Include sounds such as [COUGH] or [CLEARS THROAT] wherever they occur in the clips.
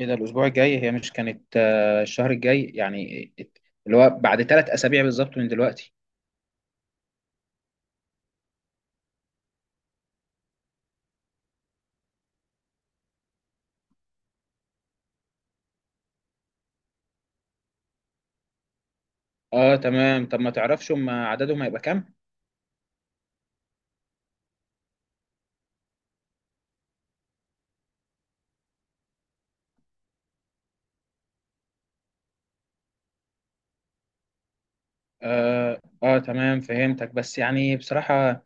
ايه ده؟ الاسبوع الجاي؟ هي مش كانت الشهر الجاي يعني، اللي هو بعد 3 اسابيع بالظبط من دلوقتي. اه، تمام. طب ما تعرفش هم عددهم هيبقى كام؟ اه تمام، فهمتك. بس يعني بصراحة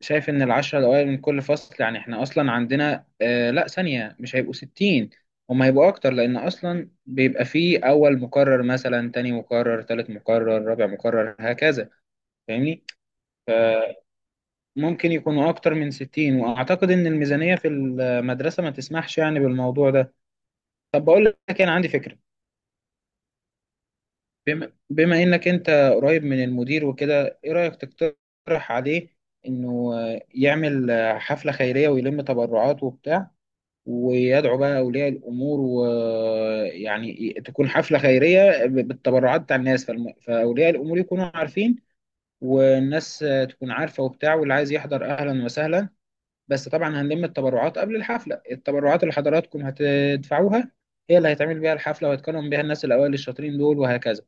شايف ان العشرة الاوائل من كل فصل، يعني احنا اصلا عندنا لا، ثانية مش هيبقوا 60، هم هيبقوا اكتر، لان اصلا بيبقى فيه اول مقرر مثلا، تاني مقرر، تالت مقرر، رابع مقرر، هكذا. فاهمني؟ ممكن يكونوا أكتر من 60، وأعتقد إن الميزانية في المدرسة ما تسمحش يعني بالموضوع ده. طب بقول لك إيه، أنا عندي فكرة. بما إنك أنت قريب من المدير وكده، إيه رأيك تقترح عليه إنه يعمل حفلة خيرية ويلم تبرعات وبتاع، ويدعو بقى أولياء الأمور، ويعني تكون حفلة خيرية بالتبرعات بتاع الناس، فأولياء الأمور يكونوا عارفين، والناس تكون عارفة وبتاع، واللي عايز يحضر أهلا وسهلا. بس طبعا هنلم التبرعات قبل الحفلة، التبرعات اللي حضراتكم هتدفعوها هي اللي هيتعمل بيها الحفلة، وهيتكرم بيها الناس الأوائل الشاطرين دول وهكذا.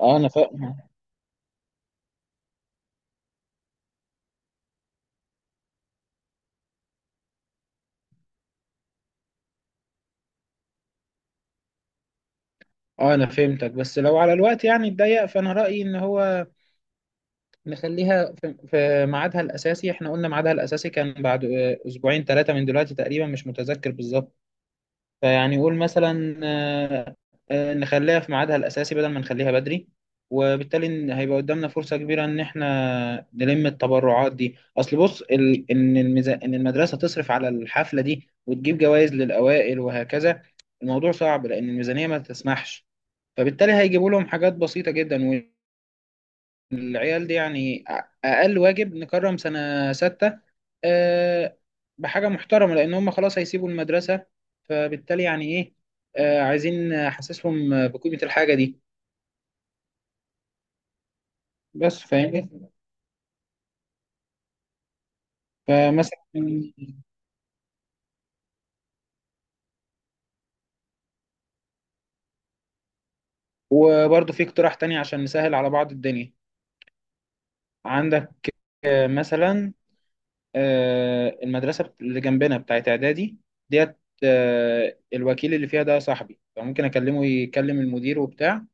اه، انا فاهم. اه انا فهمتك، بس لو على الوقت يعني اتضيق، فانا رأيي ان هو نخليها في ميعادها الأساسي. احنا قلنا ميعادها الأساسي كان بعد اسبوعين 3 من دلوقتي تقريبا، مش متذكر بالظبط. فيعني قول مثلا، نخليها في ميعادها الأساسي بدل ما نخليها بدري. وبالتالي هيبقى قدامنا فرصة كبيرة إن إحنا نلم التبرعات دي، أصل بص إن إن المدرسة تصرف على الحفلة دي وتجيب جوائز للأوائل وهكذا، الموضوع صعب لأن الميزانية ما تسمحش، فبالتالي هيجيبوا لهم حاجات بسيطة جدا. العيال دي يعني أقل واجب نكرم سنة ستة آه، بحاجة محترمة، لأن هم خلاص هيسيبوا المدرسة. فبالتالي يعني إيه، عايزين أحسسهم بقيمة الحاجة دي. بس فاهمني. فمثلا، وبرضه في اقتراح تاني عشان نسهل على بعض الدنيا. عندك مثلا، المدرسة اللي جنبنا بتاعت إعدادي ديت، الوكيل اللي فيها ده صاحبي، فممكن أكلمه يكلم المدير وبتاع.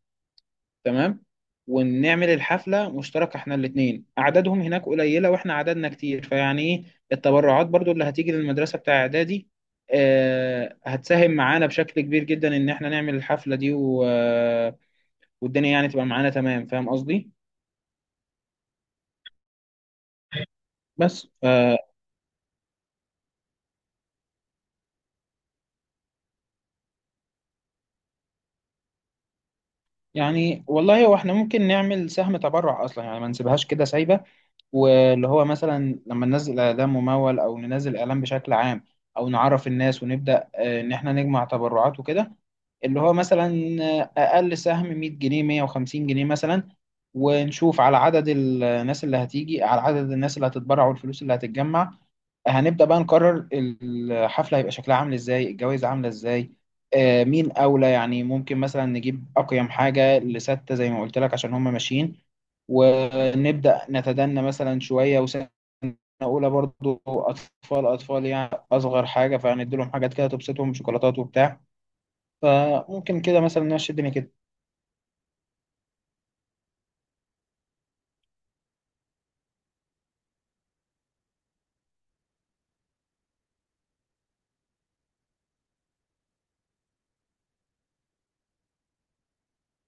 تمام؟ ونعمل الحفلة مشتركة احنا الاتنين، أعدادهم هناك قليلة واحنا عددنا كتير، فيعني ايه، التبرعات برضو اللي هتيجي للمدرسة بتاع إعدادي هتساهم معانا بشكل كبير جدا إن احنا نعمل الحفلة دي و... آه، والدنيا يعني تبقى معانا. تمام، فاهم قصدي؟ بس يعني والله هو احنا ممكن نعمل سهم تبرع أصلا، يعني ما نسيبهاش كده سايبة. واللي هو مثلا لما ننزل اعلان ممول، او ننزل اعلان بشكل عام، او نعرف الناس ونبدا ان احنا نجمع تبرعات وكده. اللي هو مثلا اقل سهم 100 جنيه، 150 جنيه مثلا. ونشوف على عدد الناس اللي هتيجي، على عدد الناس اللي هتتبرع، والفلوس اللي هتتجمع هنبدأ بقى نقرر الحفلة هيبقى شكلها عامل ازاي، الجوائز عاملة ازاي، مين أولى. يعني ممكن مثلا نجيب أقيم حاجة لستة زي ما قلت لك، عشان هم ماشيين. ونبدأ نتدنى مثلا شوية، وسنة أولى برضو أطفال أطفال، يعني أصغر حاجة، فهندي لهم حاجات كده تبسطهم، شوكولاتات وبتاع. فممكن كده مثلا نمشي الدنيا كده.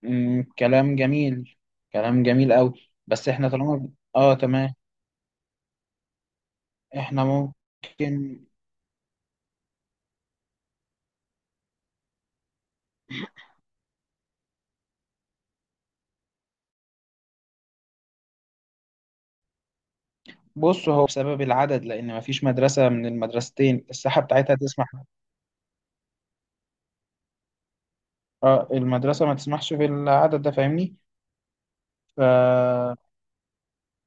كلام جميل، كلام جميل أوي. بس احنا طالما، اه تمام، احنا ممكن. بص هو بسبب العدد، لأن مفيش مدرسة من المدرستين الساحة بتاعتها تسمح. اه المدرسة ما تسمحش في العدد ده، فاهمني.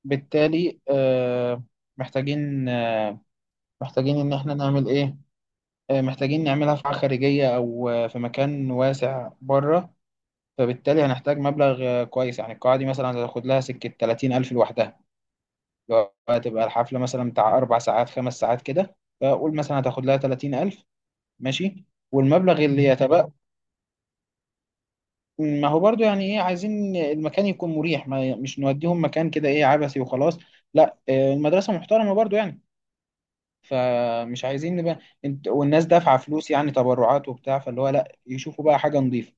فبالتالي محتاجين محتاجين إن احنا نعمل إيه، محتاجين نعملها في قاعة خارجية، أو في مكان واسع بره. فبالتالي هنحتاج مبلغ كويس يعني، القاعة دي مثلا هتاخد لها سكة 30 ألف لوحدها، لو هتبقى الحفلة مثلا بتاع 4 ساعات 5 ساعات كده. فقول مثلا هتاخد لها 30 ألف، ماشي. والمبلغ اللي يتبقى، ما هو برضو يعني ايه، عايزين المكان يكون مريح، ما مش نوديهم مكان كده ايه، عبثي وخلاص. لا، المدرسة محترمة برضو يعني، فمش عايزين نبقى انت والناس دافعة فلوس يعني، تبرعات وبتاع، فاللي هو لا، يشوفوا بقى حاجة نظيفة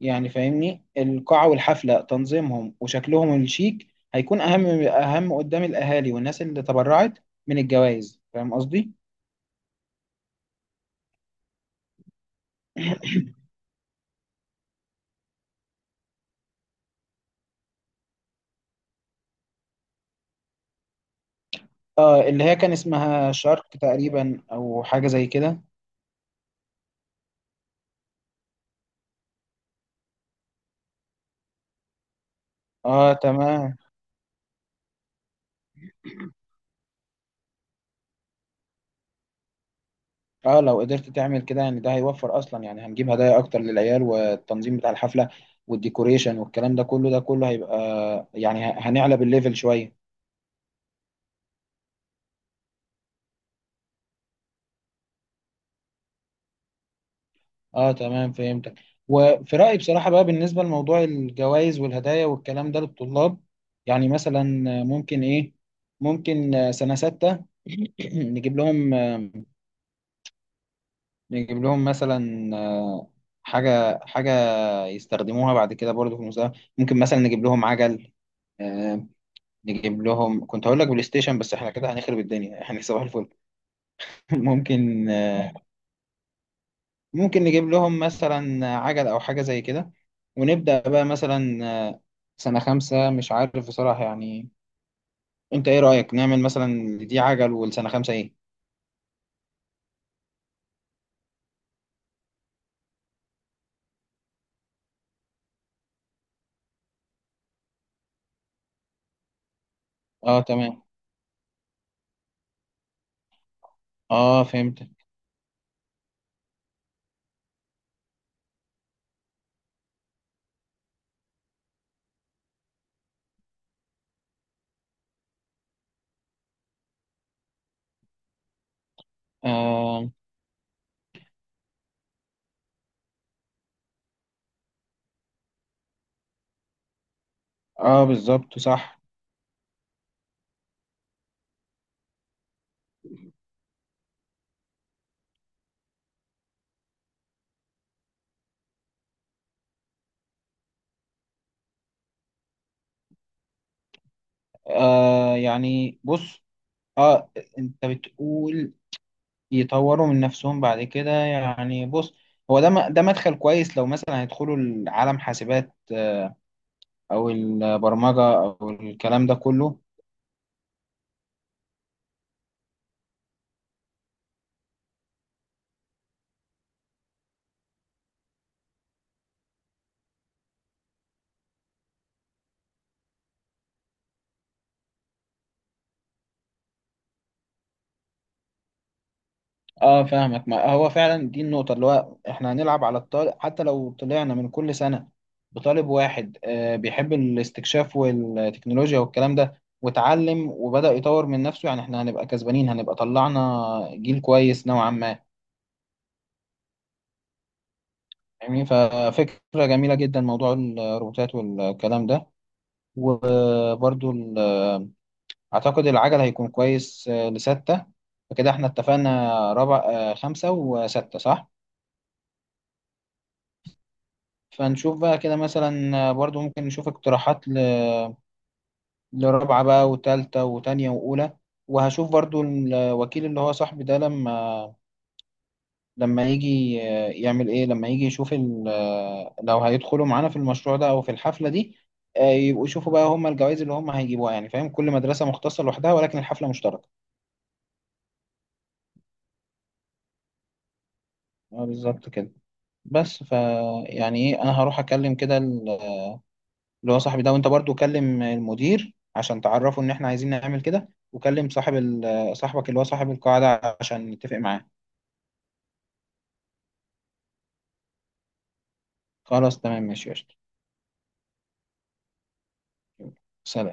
يعني، فاهمني. القاعة والحفلة تنظيمهم وشكلهم الشيك هيكون اهم قدام الاهالي والناس اللي تبرعت من الجوائز، فاهم قصدي؟ [CLEARS THROAT] اه، اللي هي كان اسمها شارك تقريبا، او حاجة زي كده. اه تمام. اه لو قدرت تعمل كده يعني، ده هيوفر اصلا يعني. هنجيب هدايا اكتر للعيال، والتنظيم بتاع الحفله والديكوريشن والكلام ده كله، ده كله هيبقى يعني هنعلى الليفل شويه. اه تمام، فهمتك. وفي رايي بصراحه بقى، بالنسبه لموضوع الجوائز والهدايا والكلام ده للطلاب، يعني مثلا، ممكن ايه، ممكن سنه سته [CLEARS THROAT] نجيب لهم نجيب لهم مثلا حاجه حاجه يستخدموها بعد كده برضه في المستقبل. ممكن مثلا نجيب لهم عجل، آه، نجيب لهم، كنت هقول لك بلاي ستيشن بس احنا كده هنخرب الدنيا، احنا صباح الفل. [LAUGHS] ممكن، ممكن نجيب لهم مثلا عجل او حاجة زي كده. ونبدأ بقى مثلا سنة خمسة، مش عارف بصراحة يعني. انت ايه رأيك نعمل مثلا دي عجل، والسنة خمسة ايه؟ اه تمام. اه، فهمت. اه, آه بالظبط، صح. يعني بص، اه انت بتقول يطوروا من نفسهم بعد كده. يعني بص، هو ده ده مدخل كويس لو مثلا هيدخلوا العالم حاسبات، او البرمجه او الكلام ده كله. اه فاهمك، ما هو فعلا دي النقطه، اللي هو احنا هنلعب على الطالب، حتى لو طلعنا من كل سنه بطالب واحد بيحب الاستكشاف والتكنولوجيا والكلام ده، واتعلم وبدأ يطور من نفسه، يعني احنا هنبقى كسبانين، هنبقى طلعنا جيل كويس نوعا ما. يعني ففكرة جميلة جدا موضوع الروبوتات والكلام ده. وبرضو اعتقد العجل هيكون كويس لستة. فكده احنا اتفقنا ربع خمسة وستة، صح؟ فنشوف بقى كده مثلا، برضو ممكن نشوف اقتراحات لرابعة بقى وتالتة وتانية وأولى. وهشوف برضو الوكيل اللي هو صاحبي ده لما يجي يعمل ايه، لما يجي يشوف لو هيدخلوا معانا في المشروع ده او في الحفلة دي، يبقوا يشوفوا بقى هم الجوائز اللي هم هيجيبوها، يعني فاهم، كل مدرسة مختصة لوحدها، ولكن الحفلة مشتركة. بالظبط كده. بس ف يعني ايه، انا هروح اكلم كده اللي هو صاحبي ده، وانت برضو كلم المدير عشان تعرفه ان احنا عايزين نعمل كده، وكلم صاحب صاحبك اللي هو صاحب القاعدة عشان نتفق معاه. خلاص تمام، ماشي يا قشطة. سلام.